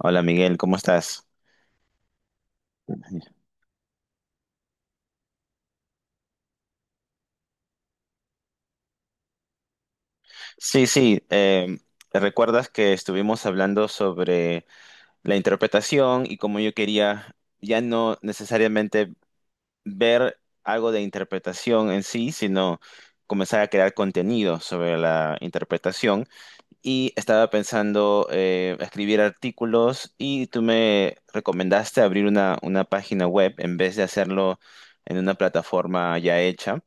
Hola Miguel, ¿cómo estás? Sí, sí, recuerdas que estuvimos hablando sobre la interpretación y cómo yo quería ya no necesariamente ver algo de interpretación en sí, sino comenzar a crear contenido sobre la interpretación. Y estaba pensando escribir artículos y tú me recomendaste abrir una página web en vez de hacerlo en una plataforma ya hecha.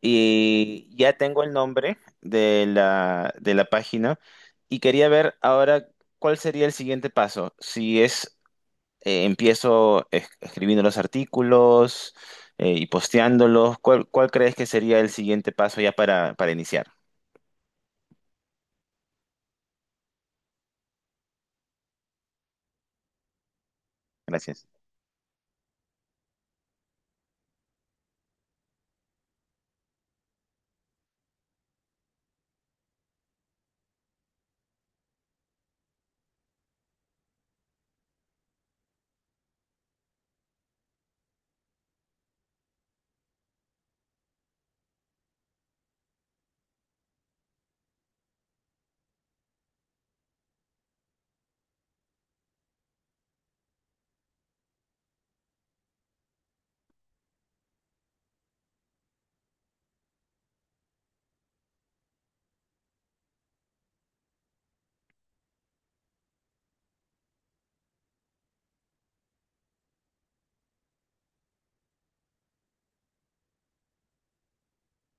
Y ya tengo el nombre de la página y quería ver ahora cuál sería el siguiente paso. Si es, escribiendo los artículos y posteándolos, ¿cuál crees que sería el siguiente paso ya para iniciar? Gracias.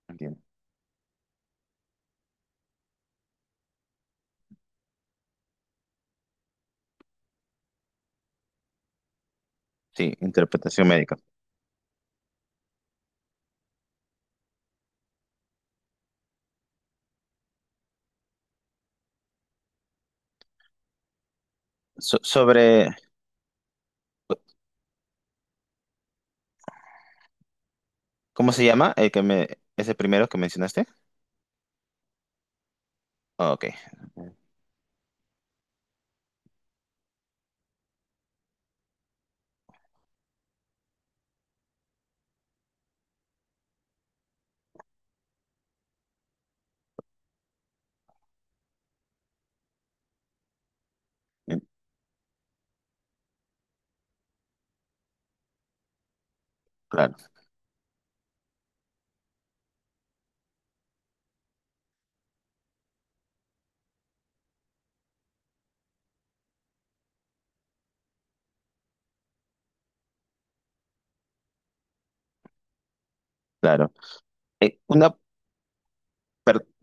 Entiendo. Sí, interpretación médica. Sobre, ¿cómo se llama ese primero que mencionaste? Ah, ok. Eh, claro, claro. Una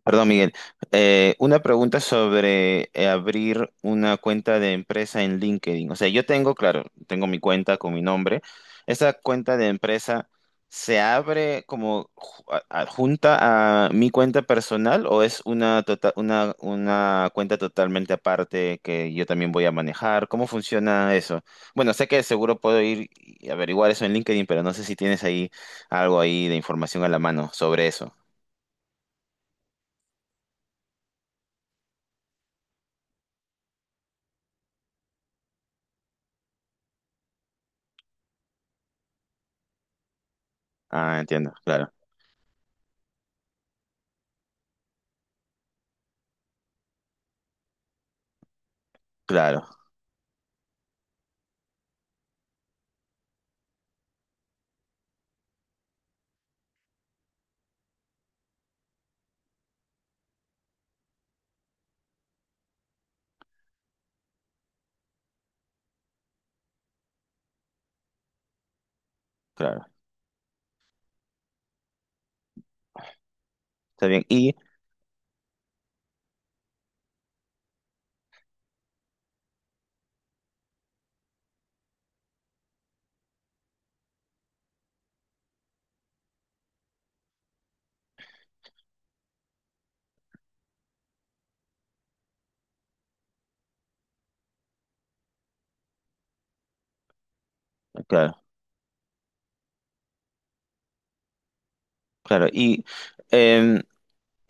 Perdón, Miguel. Una pregunta sobre abrir una cuenta de empresa en LinkedIn. O sea, yo tengo, claro, tengo mi cuenta con mi nombre. ¿Esa cuenta de empresa se abre como adjunta a mi cuenta personal o es una cuenta totalmente aparte que yo también voy a manejar? ¿Cómo funciona eso? Bueno, sé que seguro puedo ir y averiguar eso en LinkedIn, pero no sé si tienes ahí algo ahí de información a la mano sobre eso. Ah, entiendo, claro. Claro, claro, está bien. Y, claro, claro. Y em,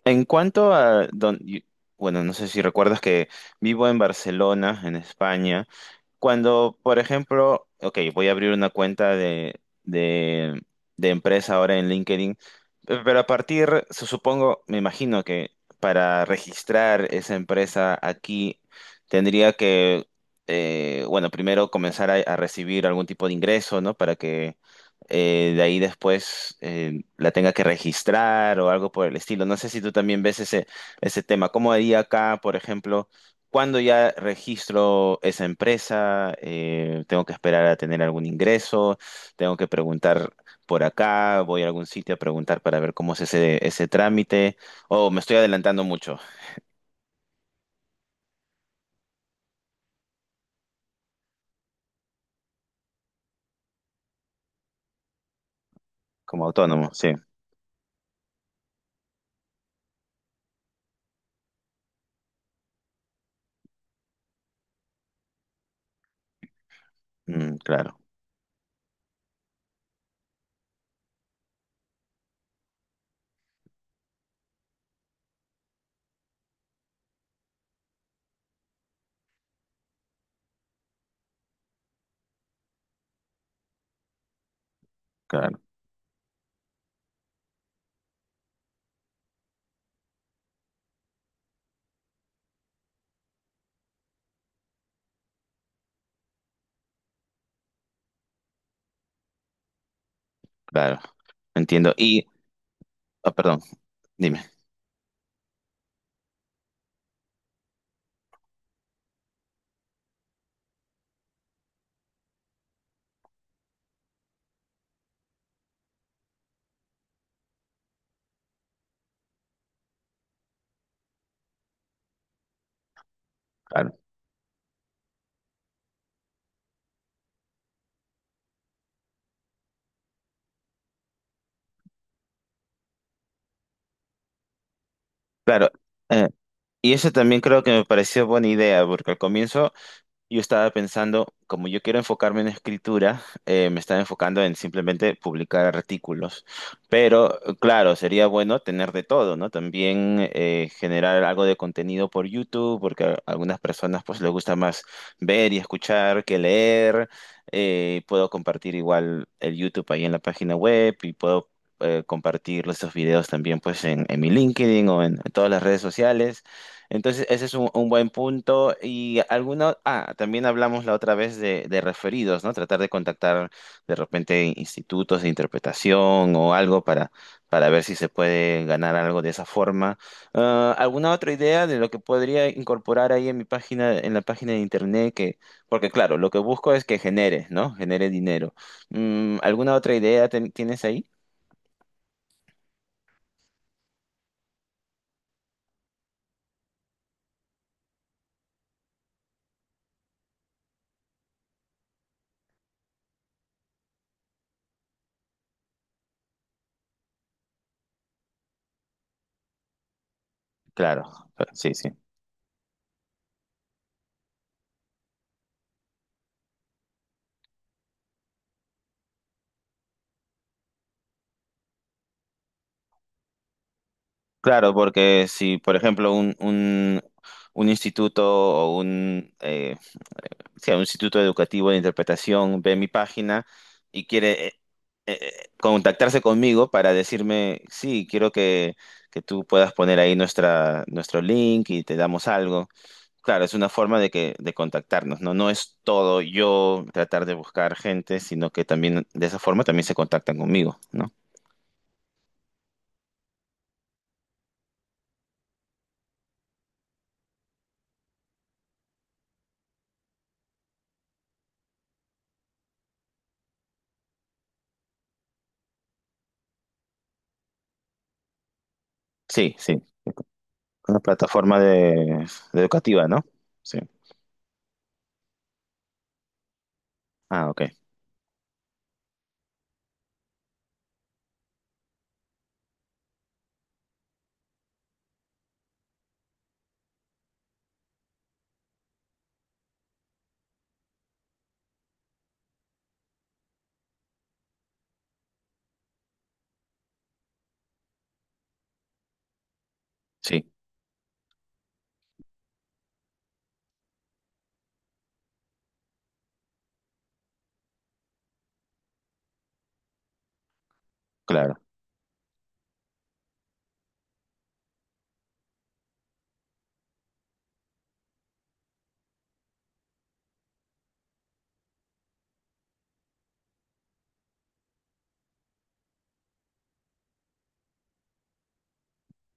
en cuanto a, bueno, no sé si recuerdas que vivo en Barcelona, en España. Cuando, por ejemplo, ok, voy a abrir una cuenta de empresa ahora en LinkedIn, pero a partir, supongo, me imagino que para registrar esa empresa aquí, tendría que, bueno, primero comenzar a recibir algún tipo de ingreso, ¿no? Para que de ahí después la tenga que registrar o algo por el estilo. No sé si tú también ves ese tema. ¿Cómo haría acá, por ejemplo? ¿Cuándo ya registro esa empresa? ¿Tengo que esperar a tener algún ingreso? ¿Tengo que preguntar por acá? ¿Voy a algún sitio a preguntar para ver cómo es ese trámite? ¿O me estoy adelantando mucho como autónomo? Sí. Mm, claro, claro, claro. Entiendo. Y, ah, perdón, dime. Claro, claro. Eh, y eso también creo que me pareció buena idea, porque al comienzo yo estaba pensando, como yo quiero enfocarme en escritura, me estaba enfocando en simplemente publicar artículos. Pero claro, sería bueno tener de todo, ¿no? También generar algo de contenido por YouTube, porque a algunas personas pues les gusta más ver y escuchar que leer. Puedo compartir igual el YouTube ahí en la página web y puedo compartir estos videos también pues en mi LinkedIn o en todas las redes sociales. Entonces, ese es un buen punto. Y alguna, ah, también hablamos la otra vez de referidos, ¿no? Tratar de contactar de repente institutos de interpretación o algo para ver si se puede ganar algo de esa forma. Ah, ¿alguna otra idea de lo que podría incorporar ahí en mi página, en la página de internet? Que, porque claro, lo que busco es que genere, ¿no? Genere dinero. Mm, ¿alguna otra idea tienes ahí? Claro, claro, sí, sí. Claro, porque si, por ejemplo, un instituto o un, eh, sí, un instituto educativo de interpretación ve mi página y quiere contactarse conmigo para decirme, sí, quiero que tú puedas poner ahí nuestro link y te damos algo. Claro, es una forma de que, de contactarnos, ¿no? No es todo yo tratar de buscar gente, sino que también de esa forma también se contactan conmigo, ¿no? Sí, sí. Una plataforma de educativa, ¿no? Sí. Ah, ok. Sí, claro,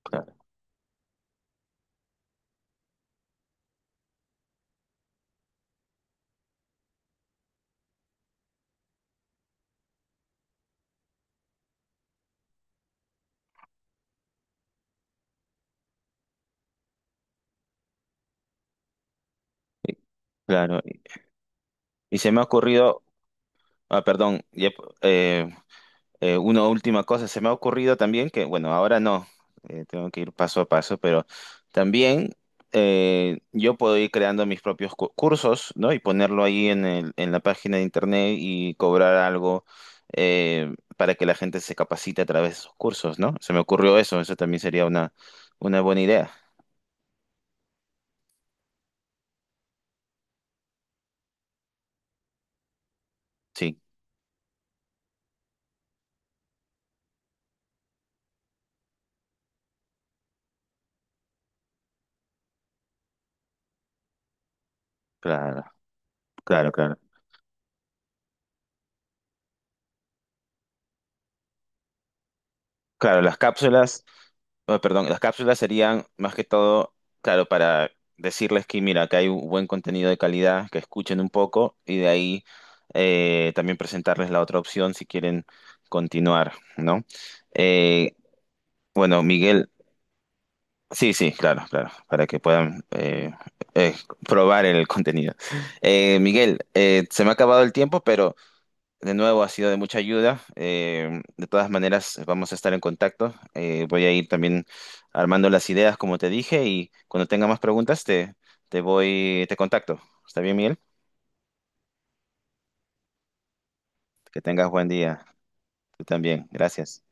claro. Y. Claro. Y se me ha ocurrido, ah, perdón, ya, eh, una última cosa, se me ha ocurrido también que, bueno, ahora no, tengo que ir paso a paso, pero también yo puedo ir creando mis propios cursos, ¿no? Y ponerlo ahí en en la página de internet y cobrar algo para que la gente se capacite a través de esos cursos, ¿no? Se me ocurrió eso, eso también sería una buena idea. Sí, claro, claro, claro. Claro, las cápsulas. Oh, perdón, las cápsulas serían más que todo, claro, para decirles que mira, que hay un buen contenido de calidad, que escuchen un poco y de ahí también presentarles la otra opción si quieren continuar, ¿no? Eh, bueno, Miguel, sí, sí, claro, claro, para que puedan eh, probar el contenido. Miguel, se me ha acabado el tiempo, pero de nuevo, ha sido de mucha ayuda. De todas maneras, vamos a estar en contacto. Voy a ir también armando las ideas, como te dije, y cuando tenga más preguntas, te contacto. ¿Está bien, Miguel? Que tengas buen día. Tú también. Gracias.